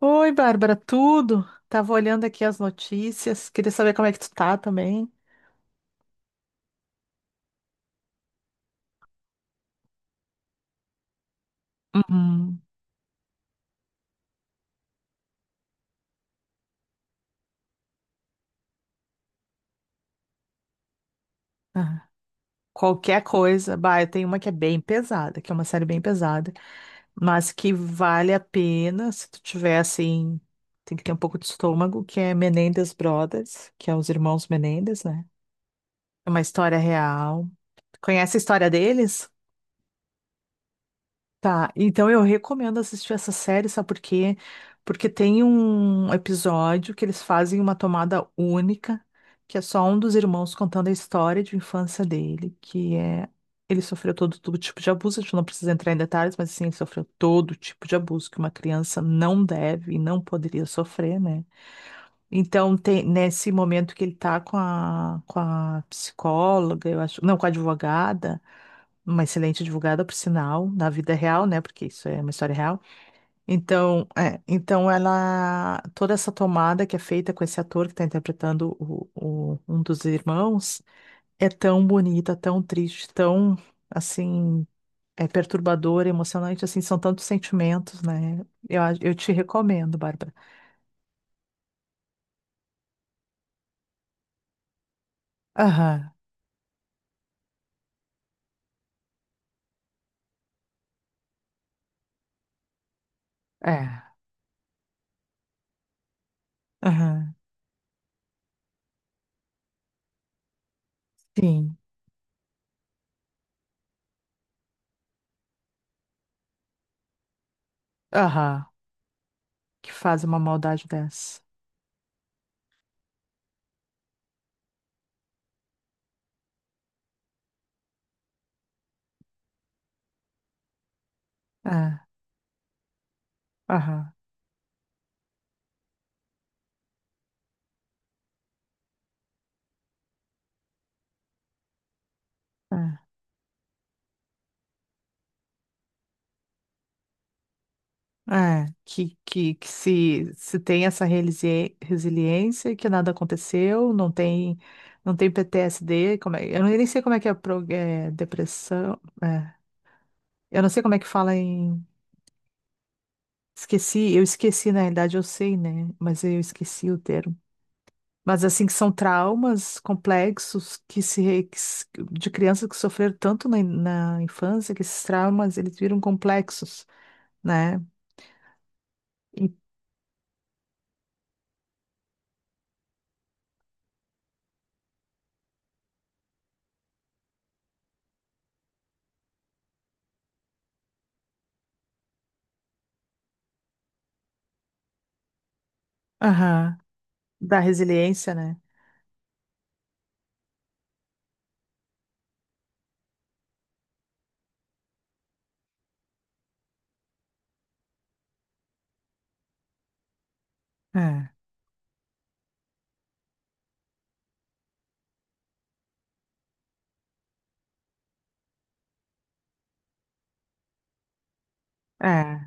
Oi, Bárbara, tudo? Tava olhando aqui as notícias, queria saber como é que tu tá também. Uhum. Ah, qualquer coisa, bah, eu tenho uma que é bem pesada, que é uma série bem pesada, mas que vale a pena se tu tiver assim, tem que ter um pouco de estômago, que é Menendez Brothers, que é os irmãos Menendez, né? É uma história real. Tu conhece a história deles? Tá, então eu recomendo assistir essa série, sabe por quê? Porque tem um episódio que eles fazem uma tomada única, que é só um dos irmãos contando a história de infância dele, que é ele sofreu todo tipo de abuso, a gente não precisa entrar em detalhes, mas assim, ele sofreu todo tipo de abuso que uma criança não deve e não poderia sofrer, né? Então, tem, nesse momento que ele tá com a psicóloga, eu acho, não, com a advogada, uma excelente advogada, por sinal, na vida real, né? Porque isso é uma história real. Então, é, então ela, toda essa tomada que é feita com esse ator que está interpretando o, um dos irmãos é tão bonita, tão triste, tão assim, é perturbadora, emocionante, assim, são tantos sentimentos, né? Eu te recomendo, Bárbara. Aham, é, aham, sim, aham, que faz uma maldade dessa. É, aham. É. É, que se tem essa resiliência, que nada aconteceu, não tem, não tem PTSD, como é, eu nem sei como é que é, é, depressão, é, eu não sei como é que fala em, esqueci, eu esqueci, na realidade eu sei, né, mas eu esqueci o termo. Mas assim, que são traumas complexos que se, re- que se- de crianças que sofreram tanto na, na infância, que esses traumas, eles viram complexos, né, E- aham, da resiliência, né. É. É,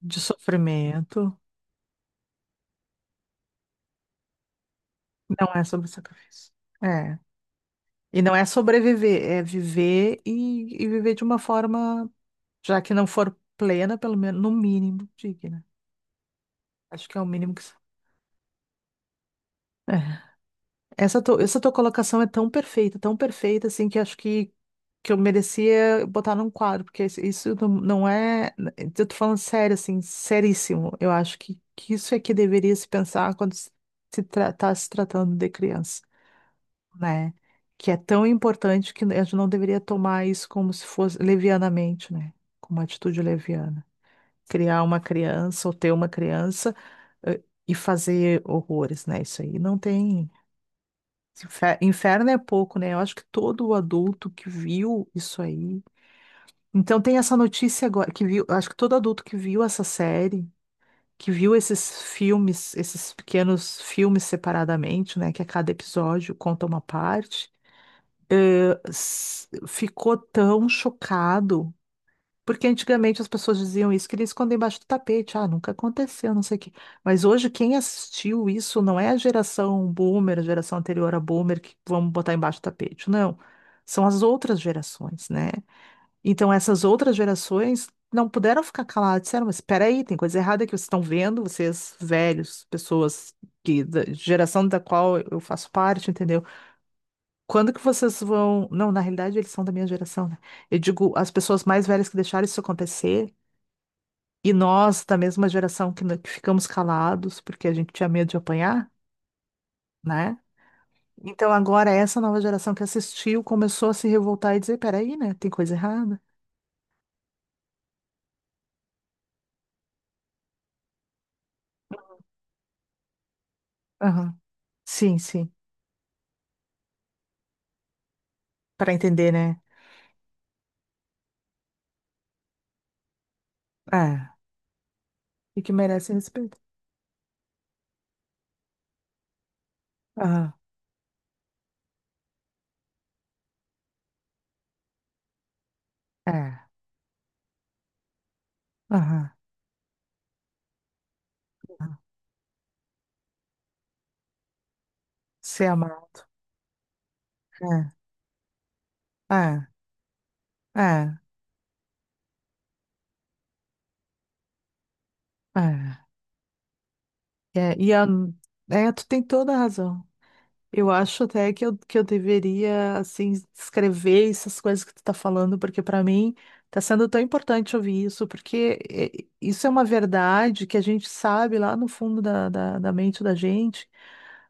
de sofrimento. Não é sobre sacrifício. É. E não é sobreviver, é viver e viver de uma forma, já que não for plena, pelo menos, no mínimo, digna. Acho que é o mínimo que. É. Essa, essa tua colocação é tão perfeita, assim, que acho que eu merecia botar num quadro, porque isso não é. Eu tô falando sério, assim, seríssimo. Eu acho que isso é que deveria se pensar quando se, tá se tratando de criança. Né? Que é tão importante que a gente não deveria tomar isso como se fosse levianamente, né? Com uma atitude leviana. Criar uma criança ou ter uma criança eh, e fazer horrores, né? Isso aí não tem. Inferno é pouco, né? Eu acho que todo adulto que viu isso aí. Então tem essa notícia agora que viu, acho que todo adulto que viu essa série, que viu esses filmes, esses pequenos filmes separadamente, né, que a cada episódio conta uma parte, ficou tão chocado, porque antigamente as pessoas diziam isso, queria esconder embaixo do tapete, ah, nunca aconteceu, não sei o quê. Mas hoje quem assistiu isso não é a geração boomer, a geração anterior a boomer, que vamos botar embaixo do tapete, não. São as outras gerações, né? Então essas outras gerações não puderam ficar caladas, disseram, mas espera aí, tem coisa errada que vocês estão vendo, vocês velhos, pessoas que da geração da qual eu faço parte, entendeu? Quando que vocês vão. Não, na realidade eles são da minha geração, né? Eu digo, as pessoas mais velhas que deixaram isso acontecer, e nós da mesma geração que, que ficamos calados porque a gente tinha medo de apanhar, né? Então agora essa nova geração que assistiu começou a se revoltar e dizer, peraí, né? Tem coisa errada. Aham. Sim, sim. Para entender, né? É. E que merece respeito. Aham. É. Aham. Se amar. É. É. É. É. É. E a... é, tu tem toda a razão. Eu acho até que eu deveria, assim, escrever essas coisas que tu tá falando, porque para mim tá sendo tão importante ouvir isso, porque isso é uma verdade que a gente sabe lá no fundo da, da, da mente da gente,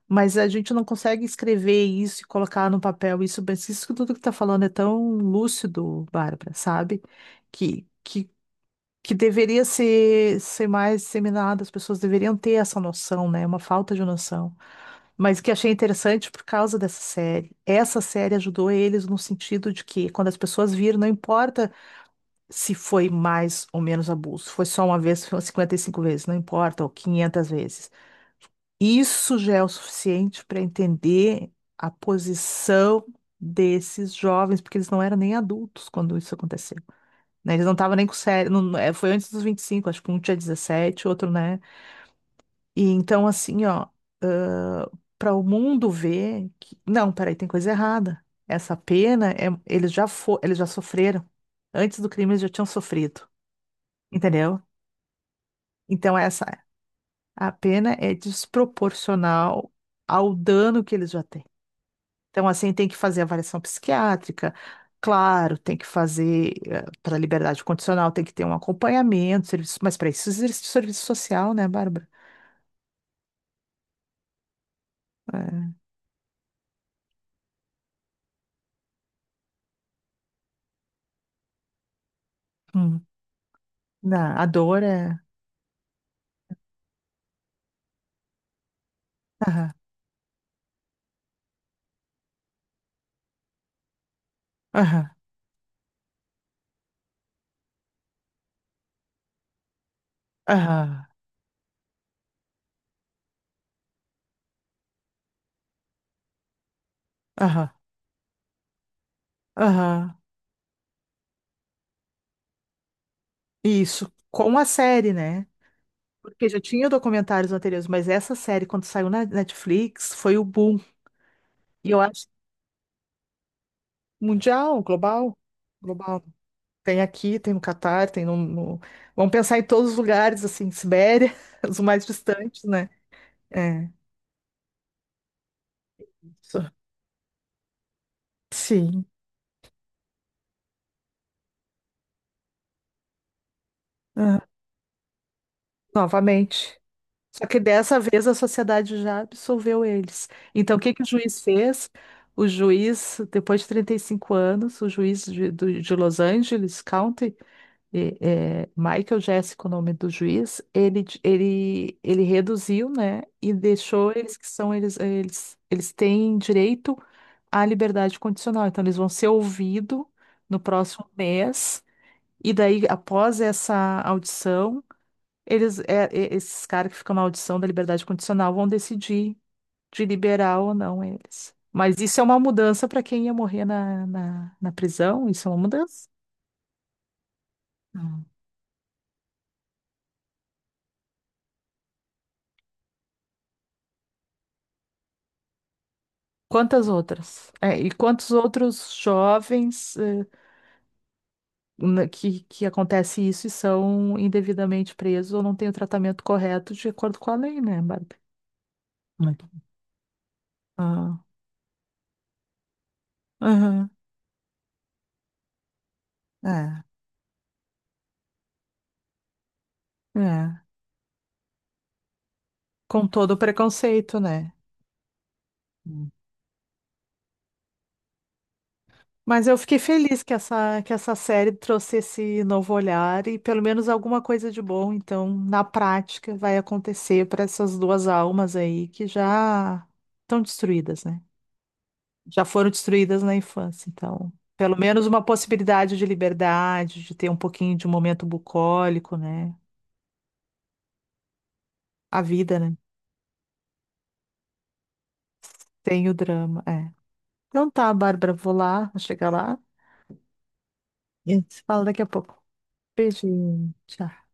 mas a gente não consegue escrever isso e colocar no papel isso, mas isso que tudo que tá falando é tão lúcido, Bárbara, sabe? Que, que que deveria ser, ser mais disseminada, as pessoas deveriam ter essa noção, né? Uma falta de noção. Mas que achei interessante por causa dessa série. Essa série ajudou eles no sentido de que, quando as pessoas viram, não importa se foi mais ou menos abuso, foi só uma vez, foi 55 vezes, não importa, ou 500 vezes. Isso já é o suficiente para entender a posição desses jovens, porque eles não eram nem adultos quando isso aconteceu, né? Eles não estavam nem com sério. É, foi antes dos 25, acho que um tinha 17, outro, né? E então, assim, ó, para o mundo ver que. Não, peraí, tem coisa errada. Essa pena, é, eles já eles já sofreram. Antes do crime, eles já tinham sofrido. Entendeu? Então, essa a pena é desproporcional ao dano que eles já têm. Então, assim, tem que fazer avaliação psiquiátrica, claro, tem que fazer para liberdade condicional, tem que ter um acompanhamento, serviço, mas para isso existe serviço social, né, Bárbara? É. Hum. A dor é. Aham, aham, aham, aham, aham. Isso, com a série, né? Porque já tinha documentários anteriores, mas essa série, quando saiu na Netflix, foi o boom. E eu acho mundial, global, global. Tem aqui, tem no Catar, tem no, vamos pensar em todos os lugares, assim, Sibéria, os mais distantes, né? É. Isso. Sim. Ah, novamente. Só que dessa vez a sociedade já absolveu eles. Então, o que que o juiz fez? O juiz, depois de 35 anos, o juiz de, de Los Angeles County, e, é, Michael Jéssico, o nome do juiz, ele, ele, ele reduziu, né, e deixou eles que são, eles têm direito à liberdade condicional, então eles vão ser ouvidos no próximo mês, e daí, após essa audição, eles, é, é, esses caras que ficam na audição da liberdade condicional vão decidir de liberar ou não eles. Mas isso é uma mudança para quem ia morrer na, na, na prisão, isso é uma mudança. Quantas outras? É, e quantos outros jovens que acontece isso e são indevidamente presos ou não têm o tratamento correto de acordo com a lei, né, Bárbara? Muito. Ah, aham, é, é. Com todo o preconceito, né? Hum. Mas eu fiquei feliz que essa série trouxe esse novo olhar e pelo menos alguma coisa de bom, então, na prática, vai acontecer para essas duas almas aí que já estão destruídas, né? Já foram destruídas na infância. Então, pelo menos uma possibilidade de liberdade, de ter um pouquinho de um momento bucólico, né? A vida, né? Tem o drama, é. Então tá, Bárbara, vou lá, vou chegar lá e a gente se fala daqui a pouco. Beijinho, tchau.